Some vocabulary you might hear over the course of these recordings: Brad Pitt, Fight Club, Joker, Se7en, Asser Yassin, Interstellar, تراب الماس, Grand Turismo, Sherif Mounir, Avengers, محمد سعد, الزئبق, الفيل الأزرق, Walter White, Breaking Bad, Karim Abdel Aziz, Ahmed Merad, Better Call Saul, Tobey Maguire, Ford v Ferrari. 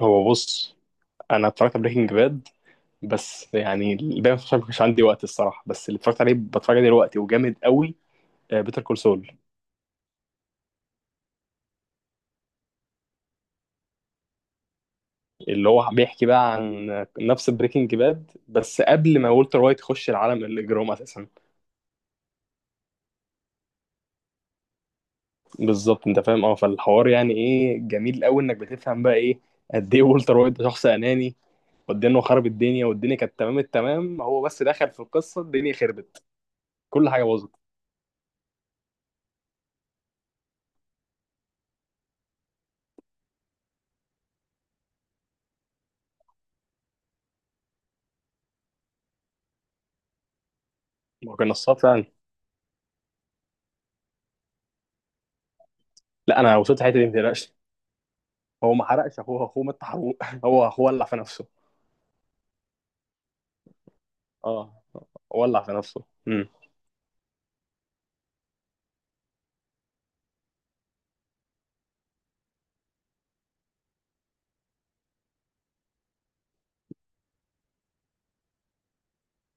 هو بص، انا اتفرجت على بريكنج باد، بس يعني الباقي ما كانش عندي وقت الصراحه. بس اللي اتفرجت عليه بتفرج عليه دلوقتي وجامد قوي، بيتر كول سول. اللي هو بيحكي بقى عن نفس بريكنج باد بس قبل ما والتر وايت يخش العالم الاجرام اساسا. بالظبط انت فاهم، اه. فالحوار يعني ايه جميل قوي انك بتفهم بقى ايه قد ايه والتر وايت ده شخص اناني، وقد ايه انه خرب الدنيا، والدنيا كانت تمام التمام، هو بس دخل في القصه الدنيا خربت. كل حاجه باظت. ما كان نصاب فعلا. لا انا وصلت حته دي ما تقلقش. هو ما حرقش اخوه، اخوه مات حروق هو اخوه ولع في نفسه. اه، ولع في نفسه.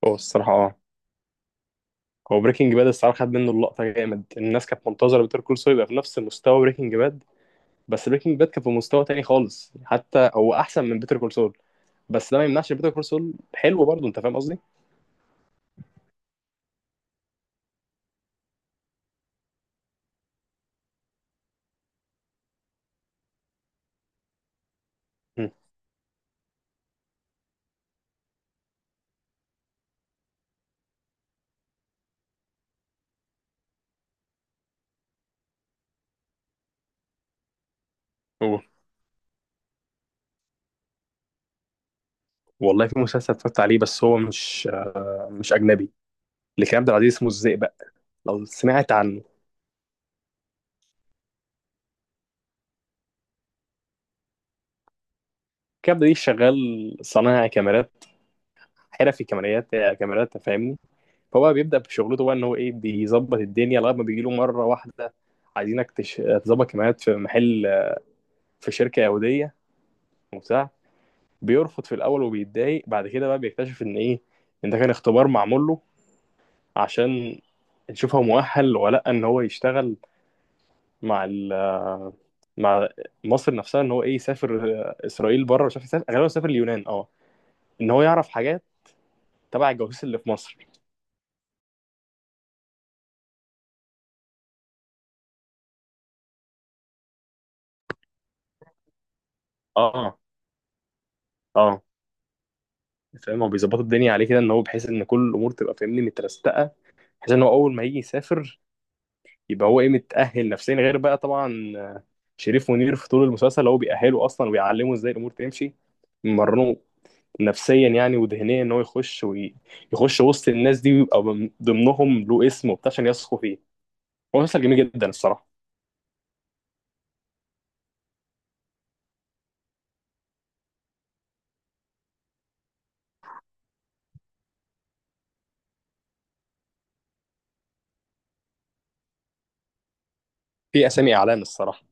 هو الصراحه، اه، هو بريكنج باد الصراحه خد منه اللقطه جامد، الناس كانت منتظره بيتر كول سول يبقى في نفس مستوى بريكنج باد. بس بريكنج باد كان في مستوى تاني خالص، حتى هو احسن من بيتر كول سول. بس ده ما يمنعش بيتر كول سول حلو برضه، انت فاهم قصدي. امم. هو والله في مسلسل اتفرجت عليه بس هو مش مش اجنبي، لكريم عبد العزيز، اسمه الزئبق، لو سمعت عنه. كابدا دي شغال صنايعي كاميرات، حرفي كاميرات، كاميرات فاهمني. فهو بيبدأ في شغلته بقى ان هو ايه، بيظبط الدنيا، لغايه ما بيجي له مره واحده عايزينك تظبط كاميرات في محل، في شركه يهوديه وبتاع. بيرفض في الاول وبيتضايق، بعد كده بقى بيكتشف ان ايه، ان ده كان اختبار معمول له عشان نشوف هو مؤهل ولا لا، ان هو يشتغل مع ال... مع مصر نفسها، ان هو ايه، يسافر اسرائيل بره، وشاف يسافر غالبا سافر اليونان اه، ان هو يعرف حاجات تبع الجواسيس اللي في مصر. اه. اه فاهم، هو بيظبطوا الدنيا عليه كده ان هو، بحيث ان كل الامور تبقى فاهمني مترستقه، بحيث ان هو اول ما يجي يسافر يبقى هو ايه، متاهل نفسيا. غير بقى طبعا شريف منير في طول المسلسل هو بيأهله اصلا، وبيعلمه ازاي الامور تمشي مرنه، نفسيا يعني وذهنيا، ان هو يخش ويخش وسط الناس دي ويبقى من ضمنهم، له اسم وبتاع عشان يثقوا فيه. هو مسلسل جميل جدا الصراحه. في اسامي اعلان الصراحه.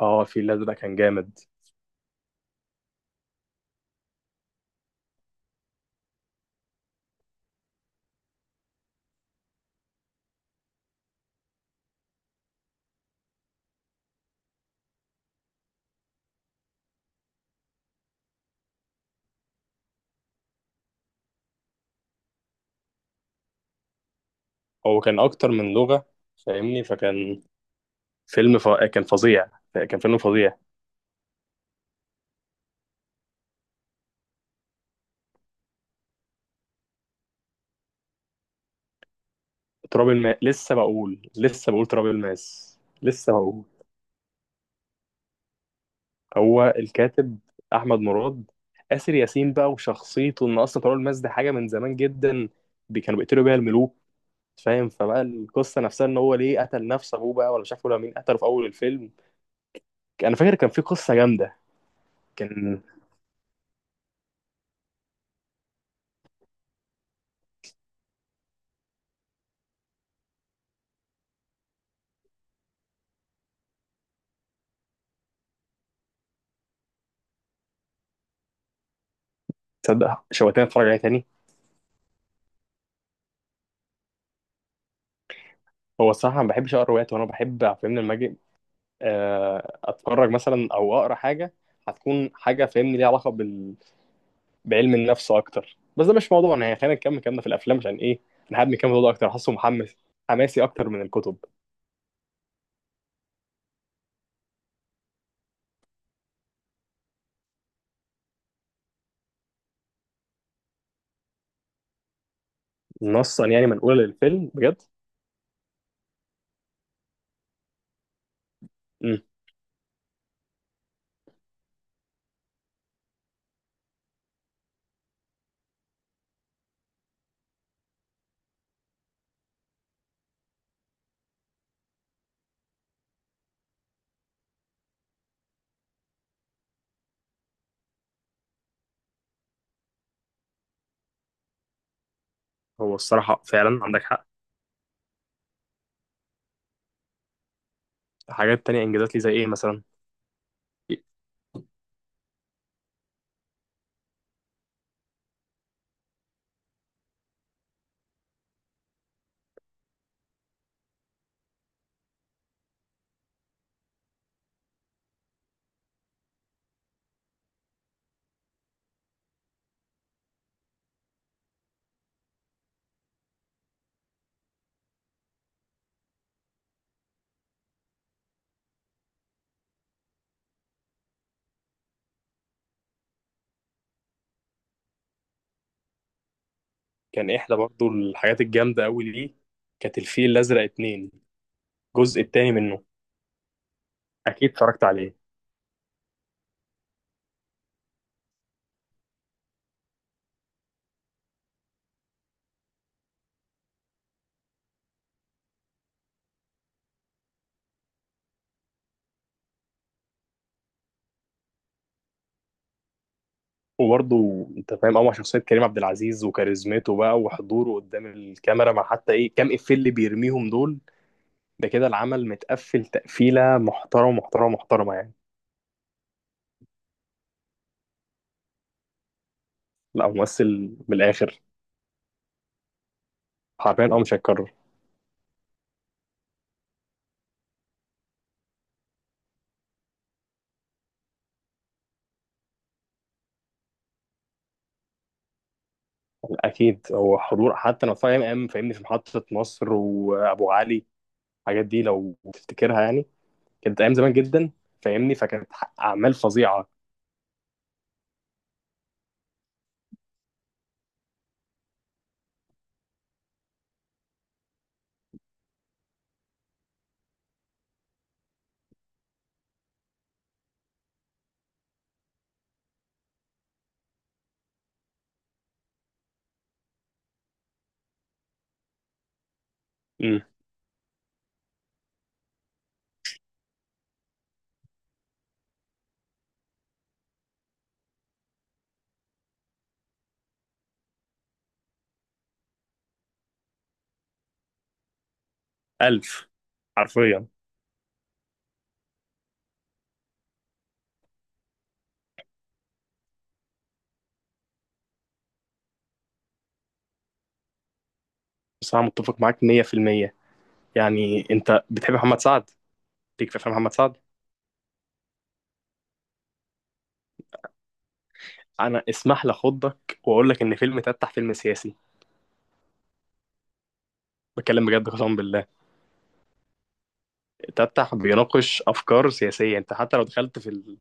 اه، في الازرق كان جامد، هو كان اكتر من لغه، فاهمني، كان فظيع، كان فيلم فظيع. تراب الماس، لسه بقول، لسه بقول تراب الماس، لسه بقول. هو الكاتب احمد مراد، آسر ياسين بقى وشخصيته، ان اصلا تراب الماس دي حاجه من زمان جدا، كانوا بيقتلوا بيها الملوك. فاهم، فبقى القصه نفسها ان هو ليه قتل نفس ابوه بقى، ولا مش عارف ولا مين قتله في اول الفيلم، انا فاكر كان في قصه جامده. كان تصدق شويتين اتفرج عليها تاني. هو الصراحه ما بحبش اقرا روايات، وانا بحب فاهمني لما اجي اتفرج مثلا او اقرا حاجه، هتكون حاجه فاهمني ليها علاقه بعلم النفس اكتر. بس ده مش موضوعنا يعني، خلينا نكمل كلامنا في الافلام عشان ايه، انا حابب نكمل الموضوع ده اكتر، حاسه محمس، حماسي اكتر من الكتب. نصا يعني منقوله للفيلم بجد. امم. هو الصراحه فعلا عندك حق. حاجات تانية، انجازات ليه زي ايه مثلا؟ كان احدى برضو الحاجات الجامده قوي ليه كانت الفيل الازرق اتنين، الجزء التاني منه، اكيد اتفرجت عليه. وبرضه انت فاهم قوي شخصيه كريم عبد العزيز وكاريزمته بقى وحضوره قدام الكاميرا، مع حتى ايه كام افيه اللي بيرميهم دول، ده كده العمل متقفل تقفيلة محترمة محترمة محترمة يعني. لا ممثل بالآخر. حرفيا، اه، مش هيتكرر. اكيد هو حضور حتى لو في ايام، أيام فاهمني في محطة مصر وابو علي، الحاجات دي لو تفتكرها يعني، كانت ايام زمان جدا فاهمني، فكانت اعمال فظيعة. امم. الف. حرفيا. بس انا متفق معاك 100%. يعني انت بتحب محمد سعد؟ ليك في افلام محمد سعد. انا اسمح لي اخضك واقول لك ان فيلم تفتح فيلم سياسي. بتكلم بجد، قسما بالله. تفتح بيناقش افكار سياسيه، انت حتى لو دخلت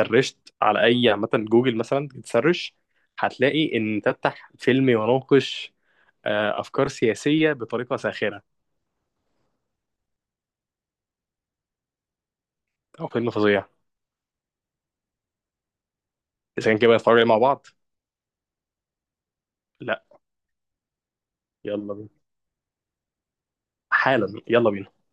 سرشت على اي عامه جوجل مثلا تسرش، هتلاقي ان تفتح فيلم يناقش افكار سياسيه بطريقه ساخره. او فيلم فظيع، اذا كان كده بنتفرج عليه مع بعض. لا. يلا بينا، حالا يلا بينا.